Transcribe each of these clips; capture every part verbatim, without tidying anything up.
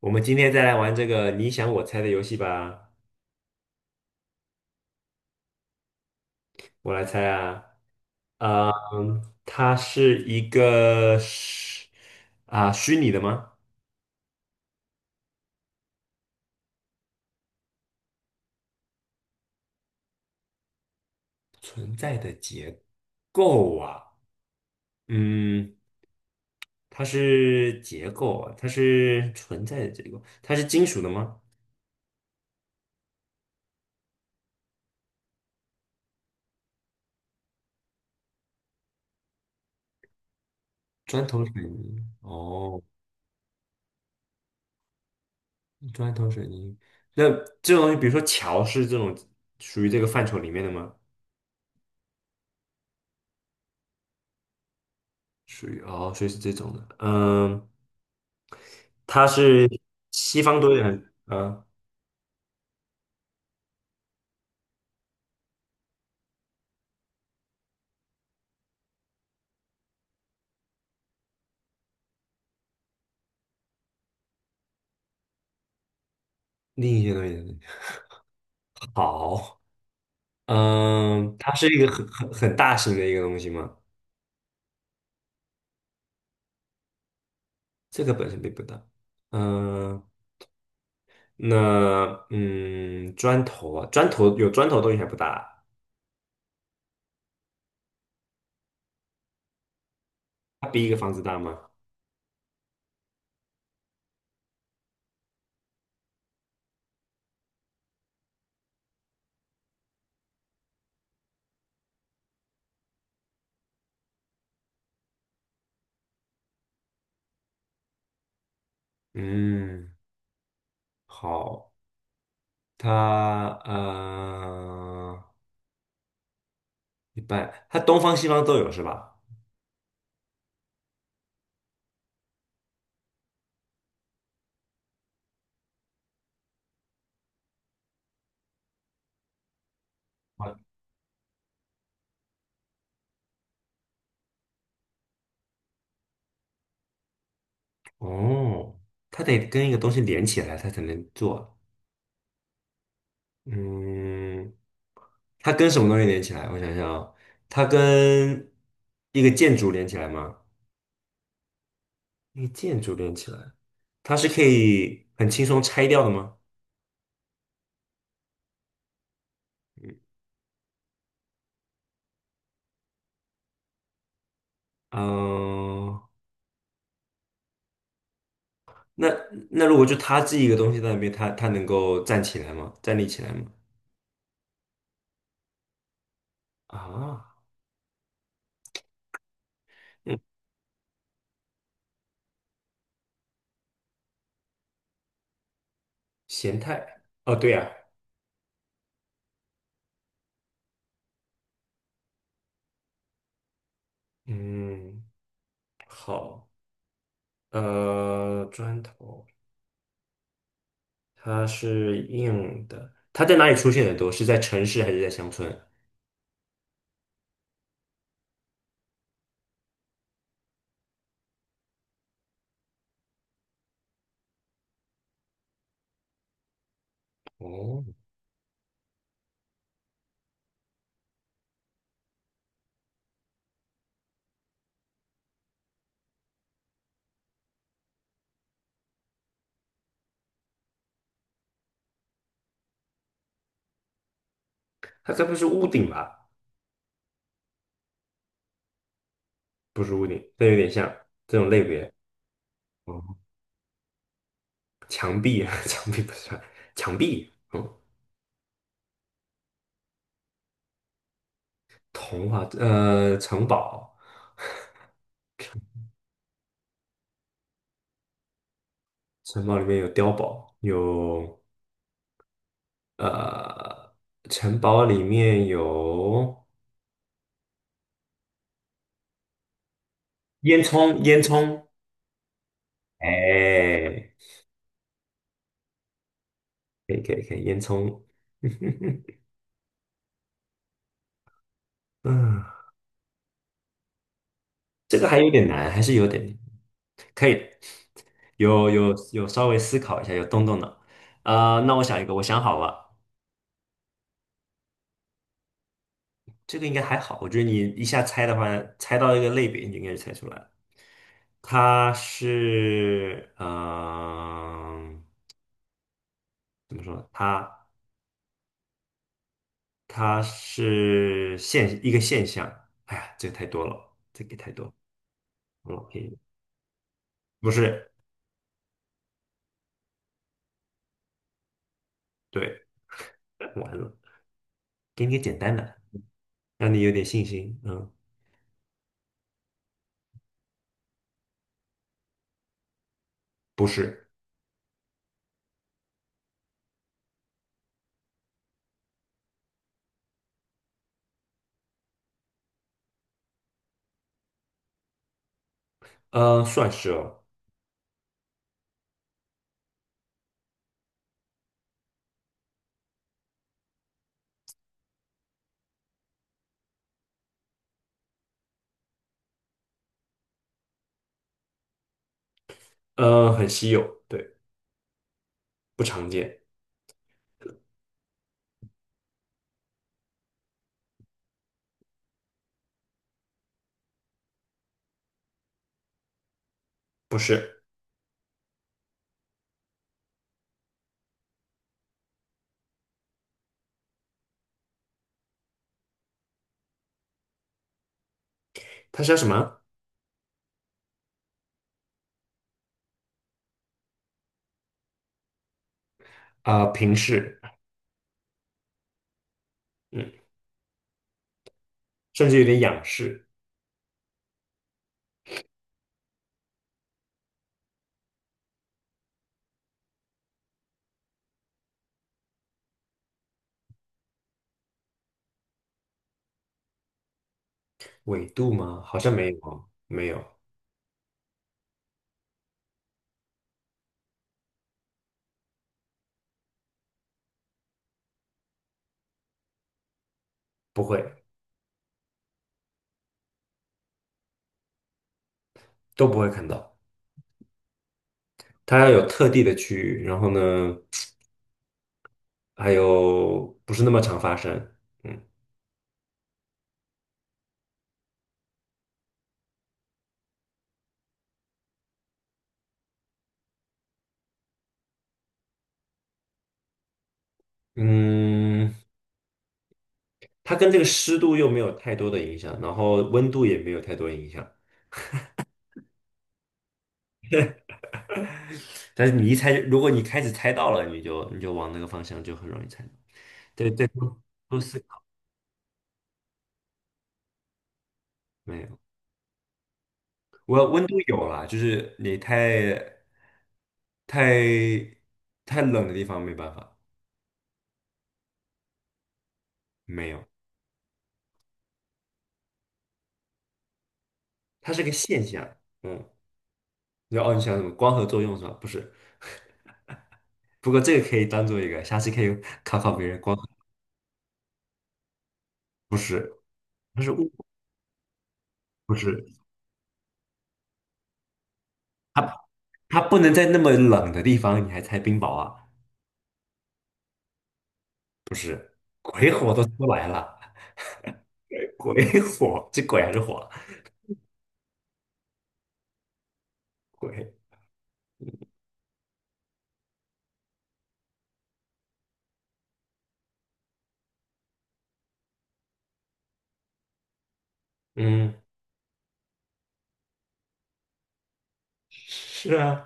我们今天再来玩这个你想我猜的游戏吧。我来猜啊，呃，它是一个虚啊、虚拟的吗？存在的结构啊，嗯，它是结构啊，它是存在的结构，它是金属的吗？砖头水泥，哦，砖头水泥。那这种东西，比如说桥，是这种属于这个范畴里面的吗？属于哦，所以是这种的，嗯，它是西方多一点，嗯，另一些东西，好，嗯，它是一个很很很大型的一个东西嘛？这个本身并不大，嗯，那嗯，砖头啊，砖头有砖头的东西还不大，它比一个房子大吗？嗯，好，它呃一般，它东方西方都有是吧？哦，它得跟一个东西连起来，它才能做。嗯，它跟什么东西连起来？我想想啊，它跟一个建筑连起来吗？一个建筑连起来，它是可以很轻松拆掉的吗？嗯，那那如果就它自己一个东西在那边，它它能够站起来吗？站立起来吗？啊，嗯，咸菜，哦，对呀，嗯，呃，砖头。它是硬的，它在哪里出现的多？是在城市还是在乡村？哦，它该不是屋顶吧？不是屋顶，但有点像这种类别。哦，墙壁，墙壁不算，墙壁。嗯，童话，呃，城堡，城堡里面有碉堡，有呃，城堡里面有烟囱，烟囱。哎，可以可以可以，烟囱。嗯，这个还有点难，还是有点难可以。有有有稍微思考一下，有动动脑。啊、那我想一个，我想好了，这个应该还好。我觉得你一下猜的话，猜到一个类别，你就应该就猜出来了。它是，嗯、怎么说？它它是现一个现象。哎呀，这个太多了，这个太多了。老可以，不是，对，完了，给你个简单的，让你有点信心。嗯，不是，呃，算是哦，呃，很稀有，对，不常见，不是。它叫什么？啊、平视，嗯，甚至有点仰视，纬度吗？好像没有哦，没有，不会，都不会看到。它要有特地的区域，然后呢，还有不是那么常发生，嗯嗯，它跟这个湿度又没有太多的影响，然后温度也没有太多影响。但是你一猜，如果你开始猜到了，你就你就往那个方向就很容易猜到。对对，多多思考，没有。我温度有了，就是你太太太冷的地方没办法，没有，它是个现象。嗯，然后哦，你想什么光合作用是吧？不是，不过这个可以当做一个，下次可以考考别人光合不是，它是物，不是，它它不能在那么冷的地方你还猜冰雹啊？不是，鬼火都出来了，鬼火，这鬼还是火？鬼，嗯，是啊，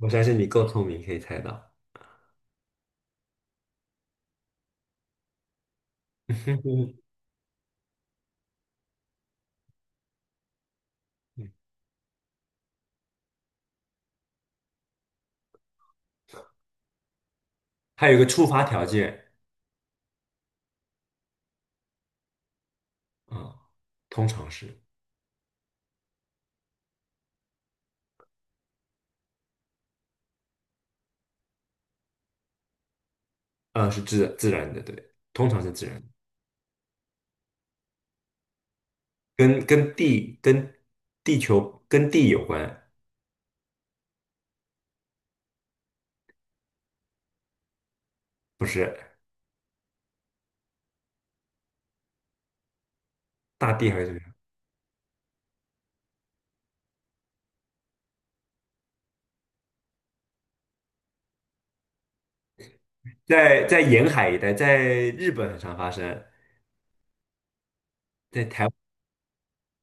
我相信你够聪明，可以猜到。还有一个触发条件啊、嗯通常是呃是自自然的，对，通常是自然的跟跟地跟地球跟地有关，不是大地还是怎么样？在在沿海一带，在日本很常发生，在台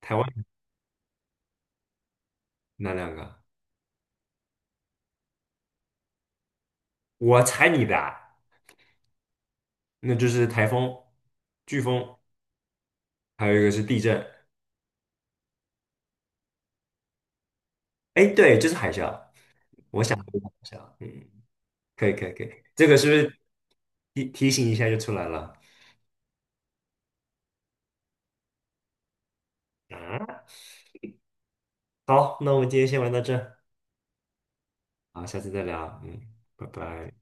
台湾哪两个？我猜你的啊，那就是台风、飓风，还有一个是地震。哎，对，就是海啸。我想的是海啸，嗯，可以可以可以，这个是不是提提醒一下就出来了？啊？好，那我们今天先玩到这儿，好，下次再聊，嗯，拜拜。